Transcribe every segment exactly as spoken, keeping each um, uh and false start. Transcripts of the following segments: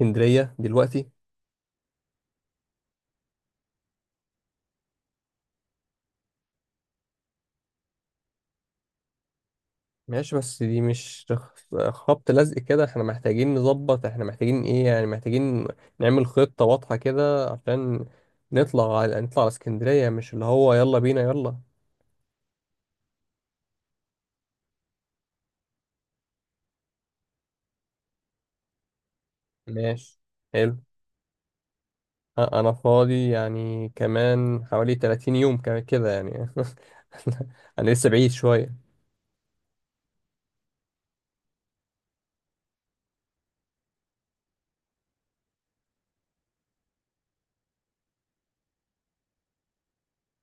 اسكندرية دلوقتي. ماشي، بس دي مش خ- خبط لزق كده. احنا محتاجين نظبط، احنا محتاجين ايه يعني، محتاجين نعمل خطة واضحة كده عشان نطلع على نطلع على اسكندرية، مش اللي هو يلا بينا يلا. ماشي. حلو. أ- انا فاضي يعني كمان حوالي 30 يوم كمان كده يعني انا لسه بعيد شوية.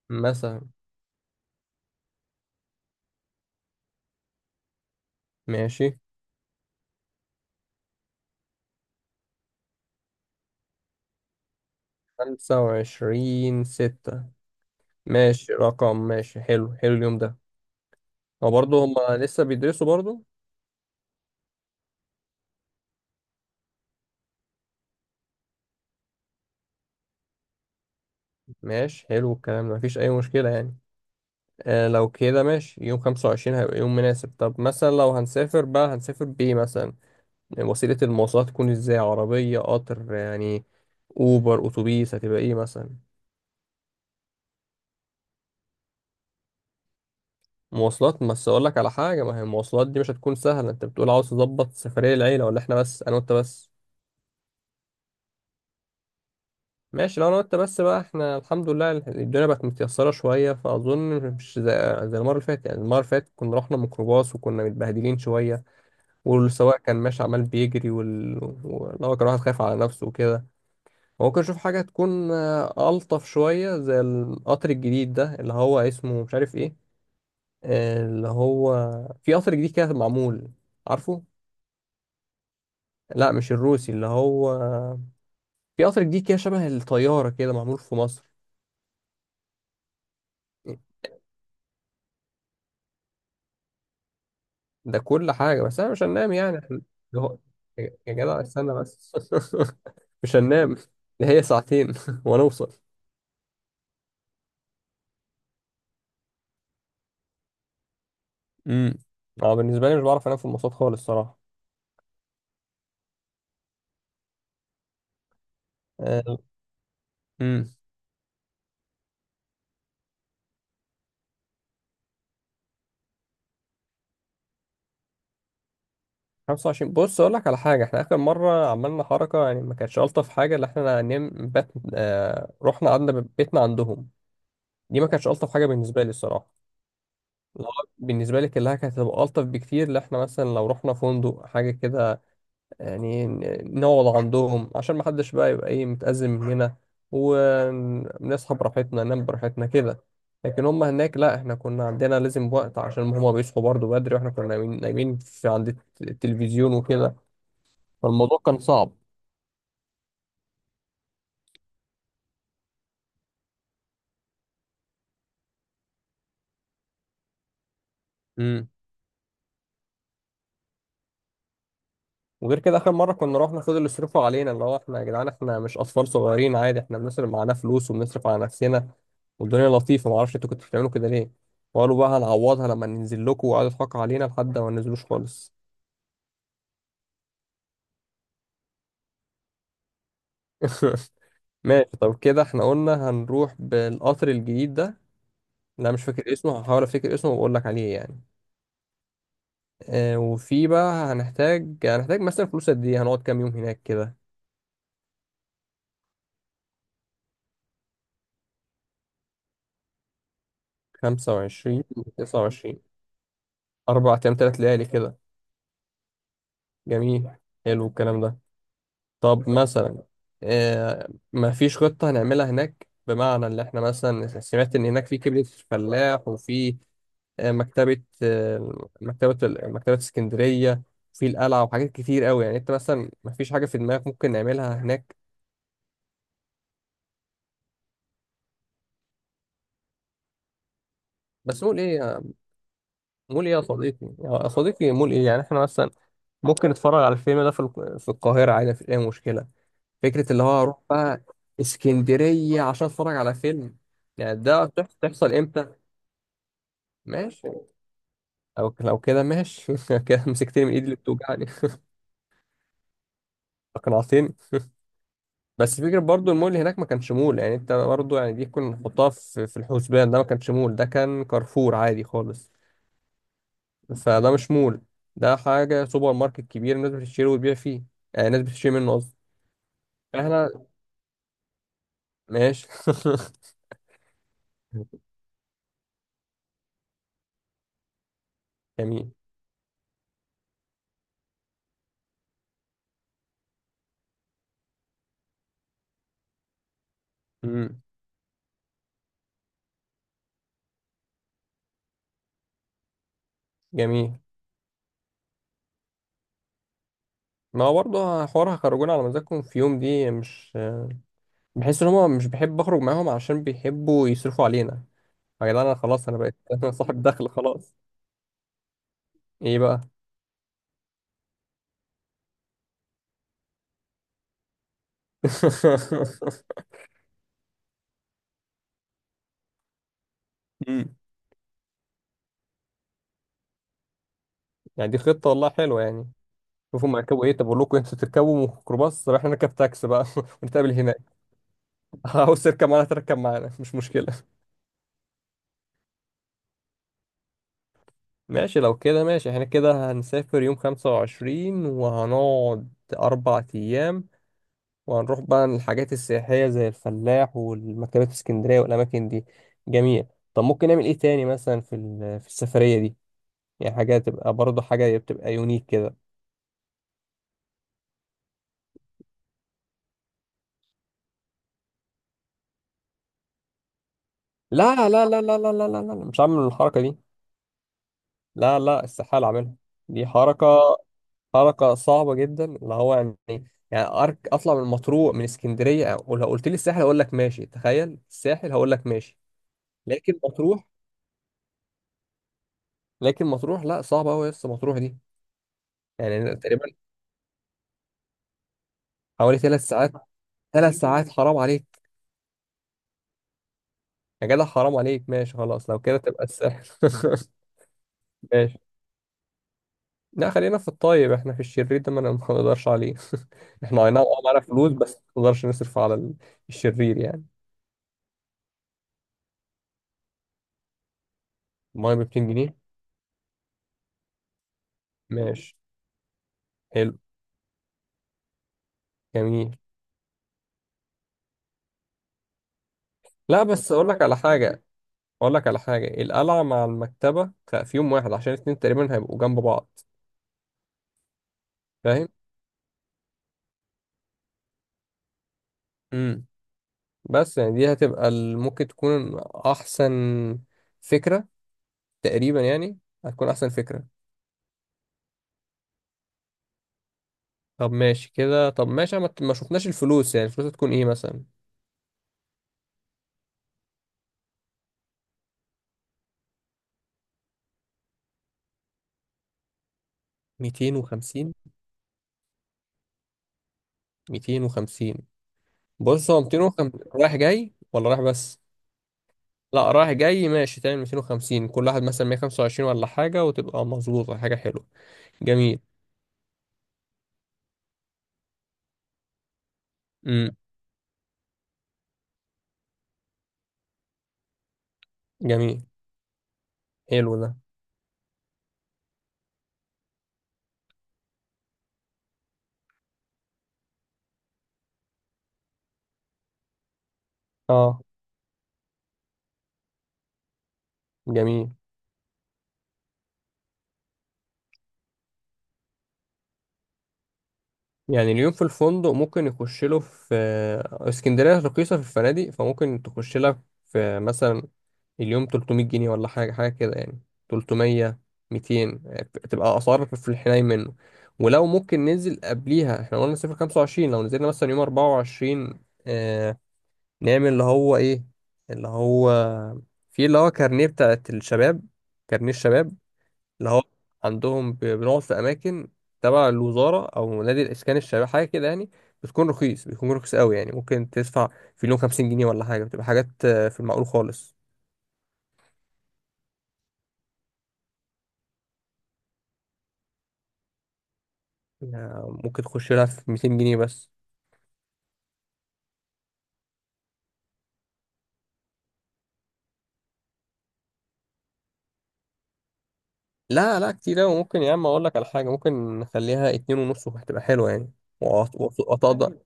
مثلا. ماشي. 25 ستة. ماشي رقم، ماشي، حلو حلو اليوم ده. هو برضه هما لسه بيدرسوا برضه. ماشي، حلو الكلام ده، مفيش أي مشكلة يعني. آه لو كده ماشي، يوم خمسة وعشرين هيبقى يوم مناسب. طب مثلا لو هنسافر بقى هنسافر بإيه مثلا؟ وسيلة المواصلات تكون إزاي، عربية، قطر يعني، أوبر، أتوبيس، هتبقى إيه مثلا؟ مواصلات. بس أقول لك على حاجة، ما هي المواصلات دي مش هتكون سهلة. أنت بتقول عاوز تظبط سفرية العيلة ولا إحنا بس أنا وأنت بس؟ ماشي لو أنا وأنت بس بقى، إحنا الحمد لله الدنيا بقت متيسرة شوية فأظن مش زي, زي المرة اللي فاتت. يعني المرة اللي فاتت كنا رحنا ميكروباص وكنا متبهدلين شوية، والسواق كان ماشي عمال بيجري وال... وإن هو كان واحد خايف على نفسه وكده. ممكن أشوف حاجة تكون آه، ألطف شوية زي القطر الجديد ده اللي هو اسمه مش عارف إيه، آه، اللي هو في قطر جديد كده معمول. عارفه؟ لا مش الروسي، اللي هو في قطر جديد كده شبه الطيارة كده معمول في مصر. ده كل حاجة، بس أنا مش هننام يعني إحنا- ده هو- يا يا جدع استنى بس مش هننام. ده هي ساعتين وأنا أوصل. امم اه بالنسبة لي مش بعرف أنام في المواصلات خالص صراحة. آه، امم خمسة وعشرين. بص اقول لك على حاجه، احنا اخر مره عملنا حركه يعني ما كانتش الطف حاجه، اللي احنا نم بات، آه رحنا قعدنا ب- بيتنا عندهم. دي ما كانتش الطف حاجه بالنسبه لي الصراحه. لو بالنسبه لي كلها كانت هتبقى الطف بكتير، اللي احنا مثلا لو رحنا فندق حاجه كده، يعني ن- نقعد عندهم، عشان ما حدش بقى يبقى ايه متأزم مننا، ونصحى براحتنا ننام براحتنا كده. لكن هم هناك لا، احنا كنا عندنا لازم وقت عشان هم بيصحوا برضه بدري واحنا كنا نايمين نايمين في عند الت- التلفزيون وكده. فالموضوع كان صعب. امم وغير كده اخر مره كنا رحنا خدوا اللي يصرفوا علينا، اللي هو احنا يا جدعان احنا مش اطفال صغيرين عادي، احنا بنصرف معانا فلوس وبنصرف على نفسنا والدنيا لطيفه. ما اعرفش انتوا كنتوا بتعملوا كده ليه؟ وقالوا بقى هنعوضها لما ننزل لكم، وقعدوا يضحكوا علينا لحد ما ننزلوش خالص. ماشي. طب كده احنا قلنا هنروح بالقطر الجديد ده. لا مش فاكر اسمه، هحاول افتكر اسمه واقول لك عليه يعني. اه. وفي بقى هنحتاج، هنحتاج مثلا فلوس قد ايه، هنقعد كام يوم هناك كده؟ خمسة وعشرين. تسعة وعشرين. أربع أيام تلات ليالي كده. جميل. حلو الكلام ده. طب مثلا آه ما فيش خطة هنعملها هناك، بمعنى اللي احنا مثلا سمعت إن هناك في كبدة الفلاح وفي آه مكتبة، آه مكتبة ال- مكتبة اسكندرية، في القلعة، وحاجات كتير قوي يعني. أنت مثلا ما فيش حاجة في دماغك ممكن نعملها هناك؟ بس مول إيه؟ مول إيه يا صديقي؟ يا صديقي مول إيه يعني؟ احنا مثلا ممكن نتفرج على الفيلم ده في الق- في القاهرة عادي، مفيش أي مشكلة. فكرة اللي هو أروح بقى اسكندرية عشان أتفرج على فيلم؟ يعني ده تح- تحصل إمتى؟ ماشي. لو لو كده ماشي كده مسكتني من إيدي اللي بتوجعني. أقنعتني. بس فكرة برضو، المول هناك ما كانش مول يعني، أنت برضو يعني دي كنا نحطها في في الحسبان. ده ما كانش مول، ده كان كارفور عادي خالص. فده مش مول، ده حاجة سوبر ماركت كبير الناس بتشتري وتبيع فيه، آه الناس بتشتري منه قصدي. إحنا. ماشي جميل. مم. جميل. ما هو برضه حوار هخرجونا على مزاجكم في يوم، دي مش، بحس ان هم مش بحب اخرج معاهم عشان بيحبوا يصرفوا علينا. يا جدعان انا خلاص انا بقيت صاحب دخل خلاص. ايه بقى؟ مم. يعني دي خطة والله حلوة يعني. شوفوا هم هيركبوا ايه، طب اقول لكم انتوا تركبوا ميكروباص، طب احنا نركب تاكسي بقى ونتقابل هناك. عاوز تركب معانا تركب معانا، مش مشكلة. ماشي. لو كده ماشي، احنا كده هنسافر يوم خمسة وعشرين وهنقعد أربع أيام، وهنروح بقى للحاجات السياحية زي الفلاح والمكتبات الاسكندرية والأماكن دي. جميل. طب ممكن نعمل إيه تاني مثلا في ال- في السفرية دي؟ يعني حاجة تبقى برضه، حاجة بتبقى يونيك كده. لا لا لا لا لا لا لا لا، مش هعمل الحركة دي. لا لا، استحالة أعملها، دي حركة، حركة صعبة جدا اللي هو يعني. يعني أرك أطلع من مطروح من اسكندرية، أو لو قلت لي الساحل أقول لك ماشي. تخيل الساحل هقول لك ماشي، لكن مطروح، لكن مطروح لا، صعبة أوي يا اسطى مطروح دي. يعني تقريبا حوالي ثلاث ساعات. ثلاث ساعات حرام عليك. يا جدع حرام عليك ماشي خلاص لو كده تبقى الساحل ماشي. لا خلينا في الطيب، احنا في الشرير ده ما ما نقدرش عليه. احنا اي نعم اه معانا فلوس، بس ما نقدرش نصرف على ال- الشرير يعني. ميه ب ميتين جنيه؟ ماشي. حلو. جميل. لا بس اقول لك على حاجه، اقول لك على حاجه، القلعه مع المكتبه خ- في يوم واحد عشان الاتنين تقريبا هيبقوا جنب بعض. فاهم. امم بس يعني دي هتبقى ال- ممكن تكون احسن فكره، تقريبا يعني، هتكون احسن فكره. طب ماشي كده. طب ماشي. ما ما شفناش الفلوس يعني، الفلوس هتكون ايه مثلا؟ ميتين وخمسين. ميتين وخمسين بص، هو ميتين وخمسين رايح جاي ولا رايح بس؟ لا رايح جاي ماشي. تعمل ميتين وخمسين كل واحد مثلا مية وخمسة وعشرين ولا حاجة، وتبقى مظبوطة حاجة حلوة. جميل. امم جميل. حلو ده. اه. جميل. يعني اليوم في الفندق ممكن يخش له في آه، اسكندرية رخيصة في الفنادق فممكن تخش لك في مثلا اليوم تلتمية جنيه ولا حاجة، حاجة كده يعني. تلتمية. ميتين. تبقى أسعار في الحنين منه. ولو ممكن ننزل قبليها احنا قلنا صفر خمسة وعشرين، لو نزلنا مثلا يوم اربعة وعشرين آه، نعمل اللي هو ايه، اللي هو في اللي هو كارنيه بتاعت الشباب، كارنيه الشباب، اللي هو عندهم ب- بنقعد في أماكن تبع الوزارة أو نادي الإسكان الشباب حاجة كده يعني. بتكون رخيص، بيكون رخيص قوي يعني ممكن تدفع في اليوم خمسين جنيه ولا حاجة، بتبقى حاجات آه، في المعقول خالص. آه، ممكن تخش لها في ميتين جنيه بس. لا لا كتير أوي. ممكن يا عم، أقول لك على حاجة، ممكن نخليها اتنين ونص وهتبقى حلوة يعني. وأط- وأط- وأتقدر.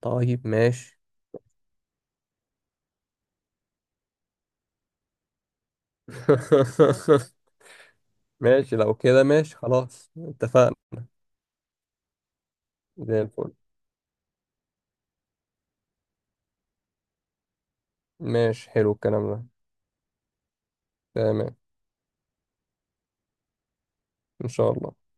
طيب ماشي. ماشي لو كده ماشي خلاص اتفقنا. زي الفل. ماشي حلو الكلام ده. تمام. إن شاء الله.